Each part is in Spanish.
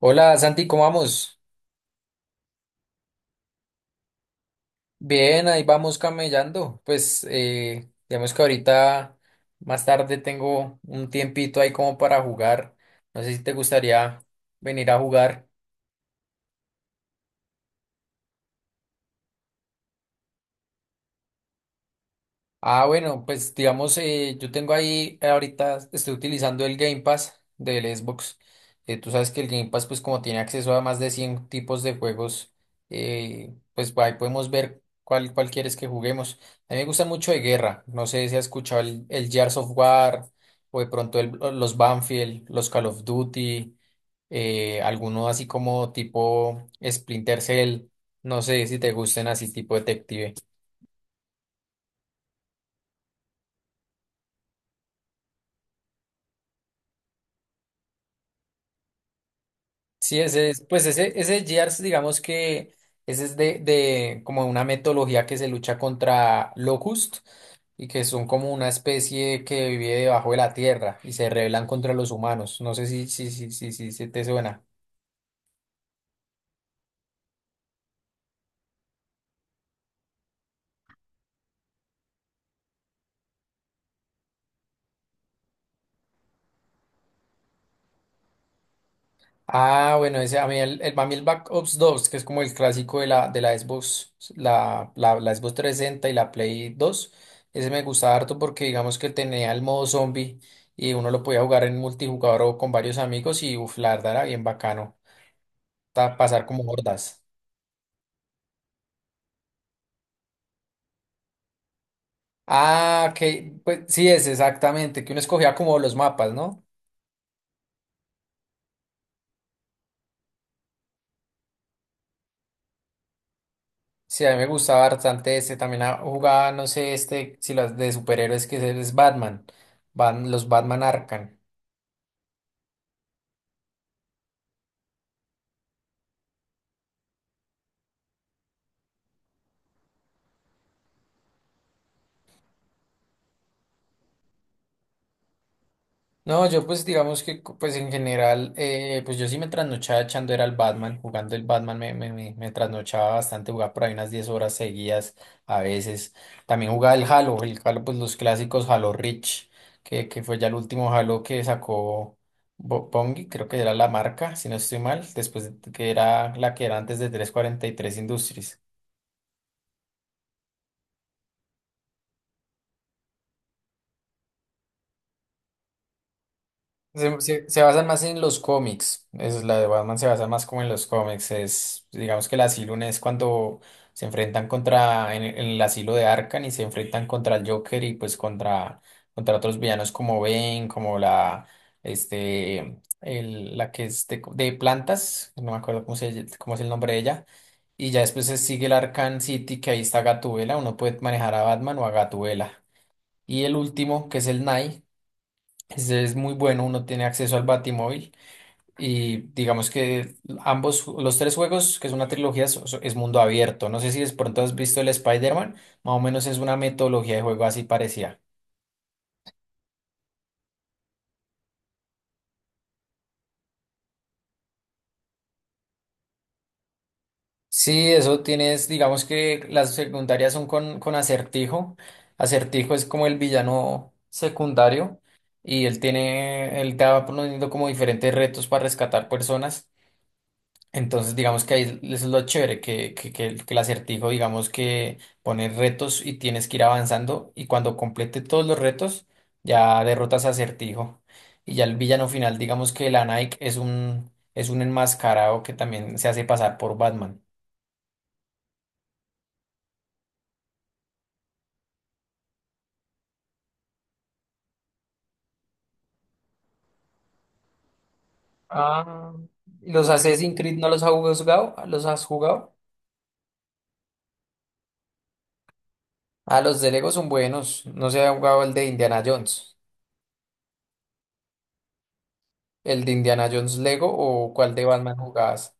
Hola Santi, ¿cómo vamos? Bien, ahí vamos camellando. Pues digamos que ahorita más tarde tengo un tiempito ahí como para jugar. No sé si te gustaría venir a jugar. Ah, bueno, pues digamos, yo tengo ahí, ahorita estoy utilizando el Game Pass del Xbox. Tú sabes que el Game Pass, pues como tiene acceso a más de 100 tipos de juegos, pues ahí podemos ver cuál quieres que juguemos. A mí me gusta mucho de guerra. No sé si has escuchado el Gears of War o de pronto los Banfield, los Call of Duty, alguno así como tipo Splinter Cell. No sé si te gusten así tipo detective. Sí, ese es, pues ese GEARS, digamos que ese es de como una metodología que se lucha contra Locust y que son como una especie que vive debajo de la tierra y se rebelan contra los humanos. No sé si te suena. Ah, bueno, ese, a mí el, para mí el Black Ops 2, que es como el clásico de la Xbox, la, la, la Xbox 360 y la Play 2. Ese me gustaba harto porque digamos que tenía el modo zombie y uno lo podía jugar en multijugador o con varios amigos, y uf, la verdad era bien bacano, pasar como hordas. Ah, que pues sí, es exactamente, que uno escogía como los mapas, ¿no? Sí, a mí me gustaba bastante también, ah, jugaba, no sé, si las de superhéroes que es Batman, los Batman Arkham. No, yo pues digamos que pues en general, pues yo sí me trasnochaba echando era el Batman, jugando el Batman me trasnochaba bastante, jugaba por ahí unas 10 horas seguidas a veces. También jugaba el Halo pues los clásicos Halo Reach, que fue ya el último Halo que sacó Bungie, creo que era la marca, si no estoy mal, que era la que era antes de 343 Industries. Se basan más en los cómics. Es, la de Batman se basa más como en los cómics. Es, digamos que el asilo, no es cuando se enfrentan contra, en el asilo de Arkham, y se enfrentan contra el Joker y pues contra otros villanos como Bane, como la que es de plantas, no me acuerdo cómo es el nombre de ella. Y ya después se sigue el Arkham City, que ahí está Gatubela. Uno puede manejar a Batman o a Gatubela. Y el último, que es el Night, ese es muy bueno, uno tiene acceso al Batimóvil y digamos que ambos, los tres juegos, que es una trilogía, es mundo abierto. No sé si de pronto has visto el Spider-Man, más o menos es una metodología de juego así parecida. Sí, eso tienes, digamos que las secundarias son con Acertijo. Acertijo es como el villano secundario, y él te va poniendo como diferentes retos para rescatar personas. Entonces, digamos que ahí es lo chévere, que el acertijo, digamos que pone retos y tienes que ir avanzando, y cuando complete todos los retos, ya derrotas a acertijo. Y ya el villano final, digamos que la Nike, es un enmascarado que también se hace pasar por Batman. Ah, ¿y los Assassin's Creed no los has jugado? ¿Los has jugado? Ah, los de Lego son buenos. No se ha jugado el de Indiana Jones. ¿El de Indiana Jones Lego o cuál de Batman jugabas?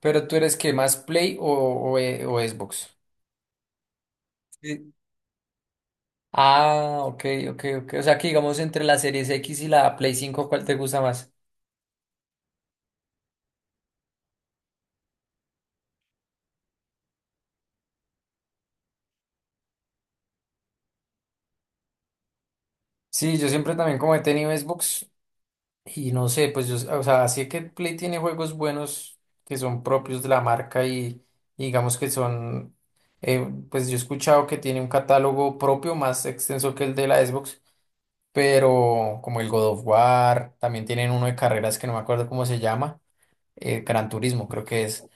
Pero tú eres que más Play o Xbox. Sí. Ah, ok, ok, ok. O sea que digamos, entre la Series X y la Play 5, ¿cuál te gusta más? Sí, yo siempre también como he tenido Xbox y no sé, pues yo, o sea, sí que Play tiene juegos buenos que son propios de la marca, y digamos que son, pues yo he escuchado que tiene un catálogo propio más extenso que el de la Xbox, pero como el God of War. También tienen uno de carreras que no me acuerdo cómo se llama. Gran Turismo, creo que es.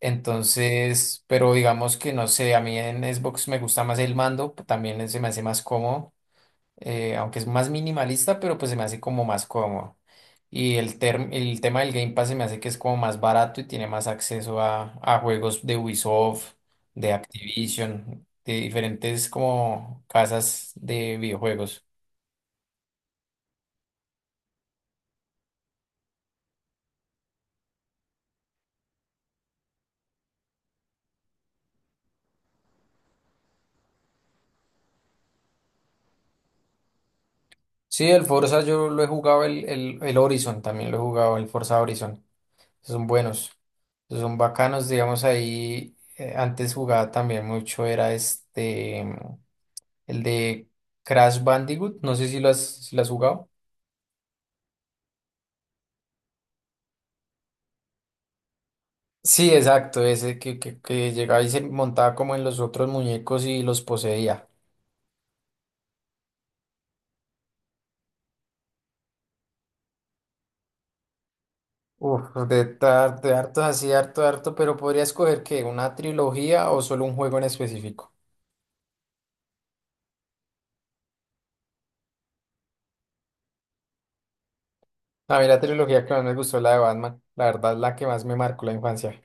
Entonces, pero digamos que no sé, a mí en Xbox me gusta más el mando, también se me hace más cómodo, aunque es más minimalista, pero pues se me hace como más cómodo. Y el tema del Game Pass se me hace que es como más barato, y tiene más acceso a juegos de Ubisoft, de Activision, de diferentes como casas de videojuegos. Sí, el Forza yo lo he jugado, el, el Horizon también lo he jugado, el Forza Horizon. Esos son buenos, esos son bacanos, digamos ahí. Antes jugaba también mucho, era el de Crash Bandicoot, no sé si lo has jugado. Sí, exacto, ese que llegaba y se montaba como en los otros muñecos y los poseía. Uf, de hartos así, harto, harto, pero podría escoger, ¿que una trilogía o solo un juego en específico? A mí la trilogía que más me gustó es la de Batman, la verdad, la que más me marcó la infancia.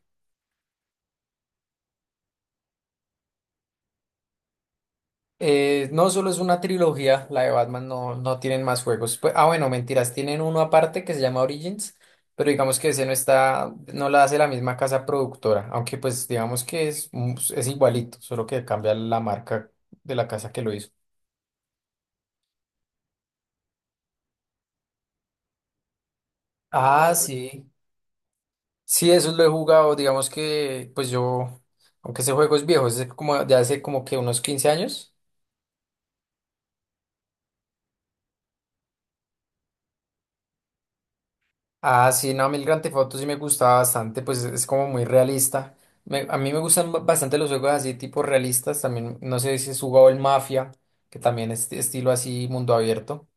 No solo es una trilogía, la de Batman no, no tienen más juegos. Ah, bueno, mentiras, tienen uno aparte que se llama Origins, pero digamos que ese no está, no la hace la misma casa productora, aunque pues digamos que es igualito, solo que cambia la marca de la casa que lo hizo. Ah, sí. Sí, eso lo he jugado, digamos que pues yo, aunque ese juego es viejo, es de como de hace como que unos 15 años. Ah, sí, no, a mí el Grand Theft Auto sí me gustaba bastante, pues es como muy realista. A mí me gustan bastante los juegos así, tipo realistas. También, no sé si has jugado el Mafia, que también es de estilo así, mundo abierto.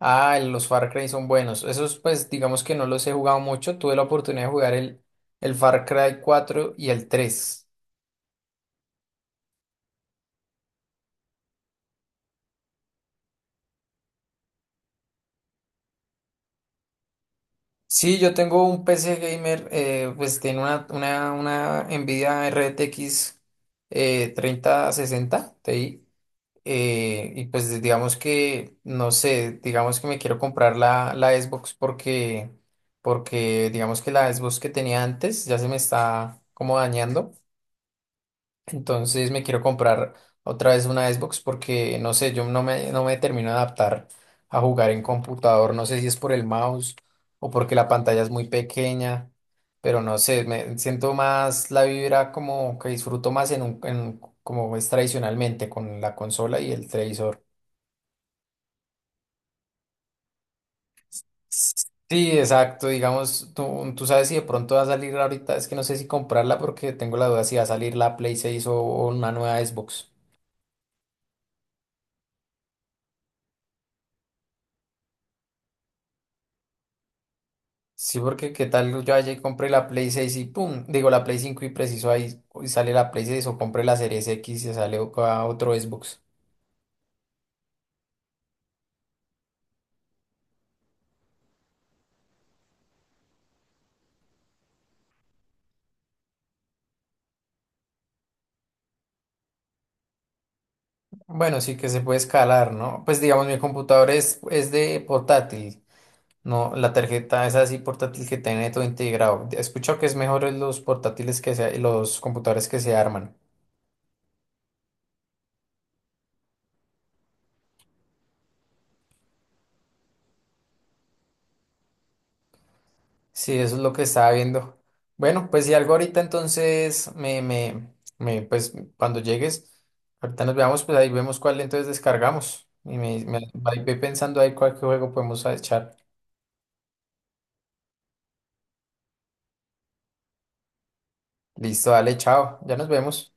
Ah, los Far Cry son buenos. Esos, pues, digamos que no los he jugado mucho. Tuve la oportunidad de jugar el, Far Cry 4 y el tres. Sí, yo tengo un PC gamer, pues tiene una, una Nvidia RTX, 3060 Ti. Y pues digamos que, no sé, digamos que me quiero comprar la Xbox, porque, digamos que la Xbox que tenía antes ya se me está como dañando. Entonces me quiero comprar otra vez una Xbox porque, no sé, yo no me termino de adaptar a jugar en computador. No sé si es por el mouse o porque la pantalla es muy pequeña, pero no sé, me siento más la vibra, como que disfruto más en un, como es tradicionalmente, con la consola y el televisor. Sí, exacto. Digamos, tú sabes si de pronto va a salir ahorita, es que no sé si comprarla, porque tengo la duda si va a salir la Play 6 o una nueva Xbox. Sí, porque qué tal yo ayer compré la Play 6 y pum, digo la Play cinco, y preciso ahí y sale la Play 6, o compré la Series X y sale a otro Xbox. Bueno, sí que se puede escalar, ¿no? Pues digamos, mi computador es, de portátil, no, la tarjeta es así portátil, que tiene todo integrado. He escuchado que es mejor en los portátiles los computadores que se arman. Sí, eso es lo que estaba viendo. Bueno, pues si algo ahorita entonces pues cuando llegues, ahorita nos veamos, pues ahí vemos cuál entonces descargamos. Y ahí ve pensando ahí cuál juego podemos echar. Listo, dale, chao. Ya nos vemos.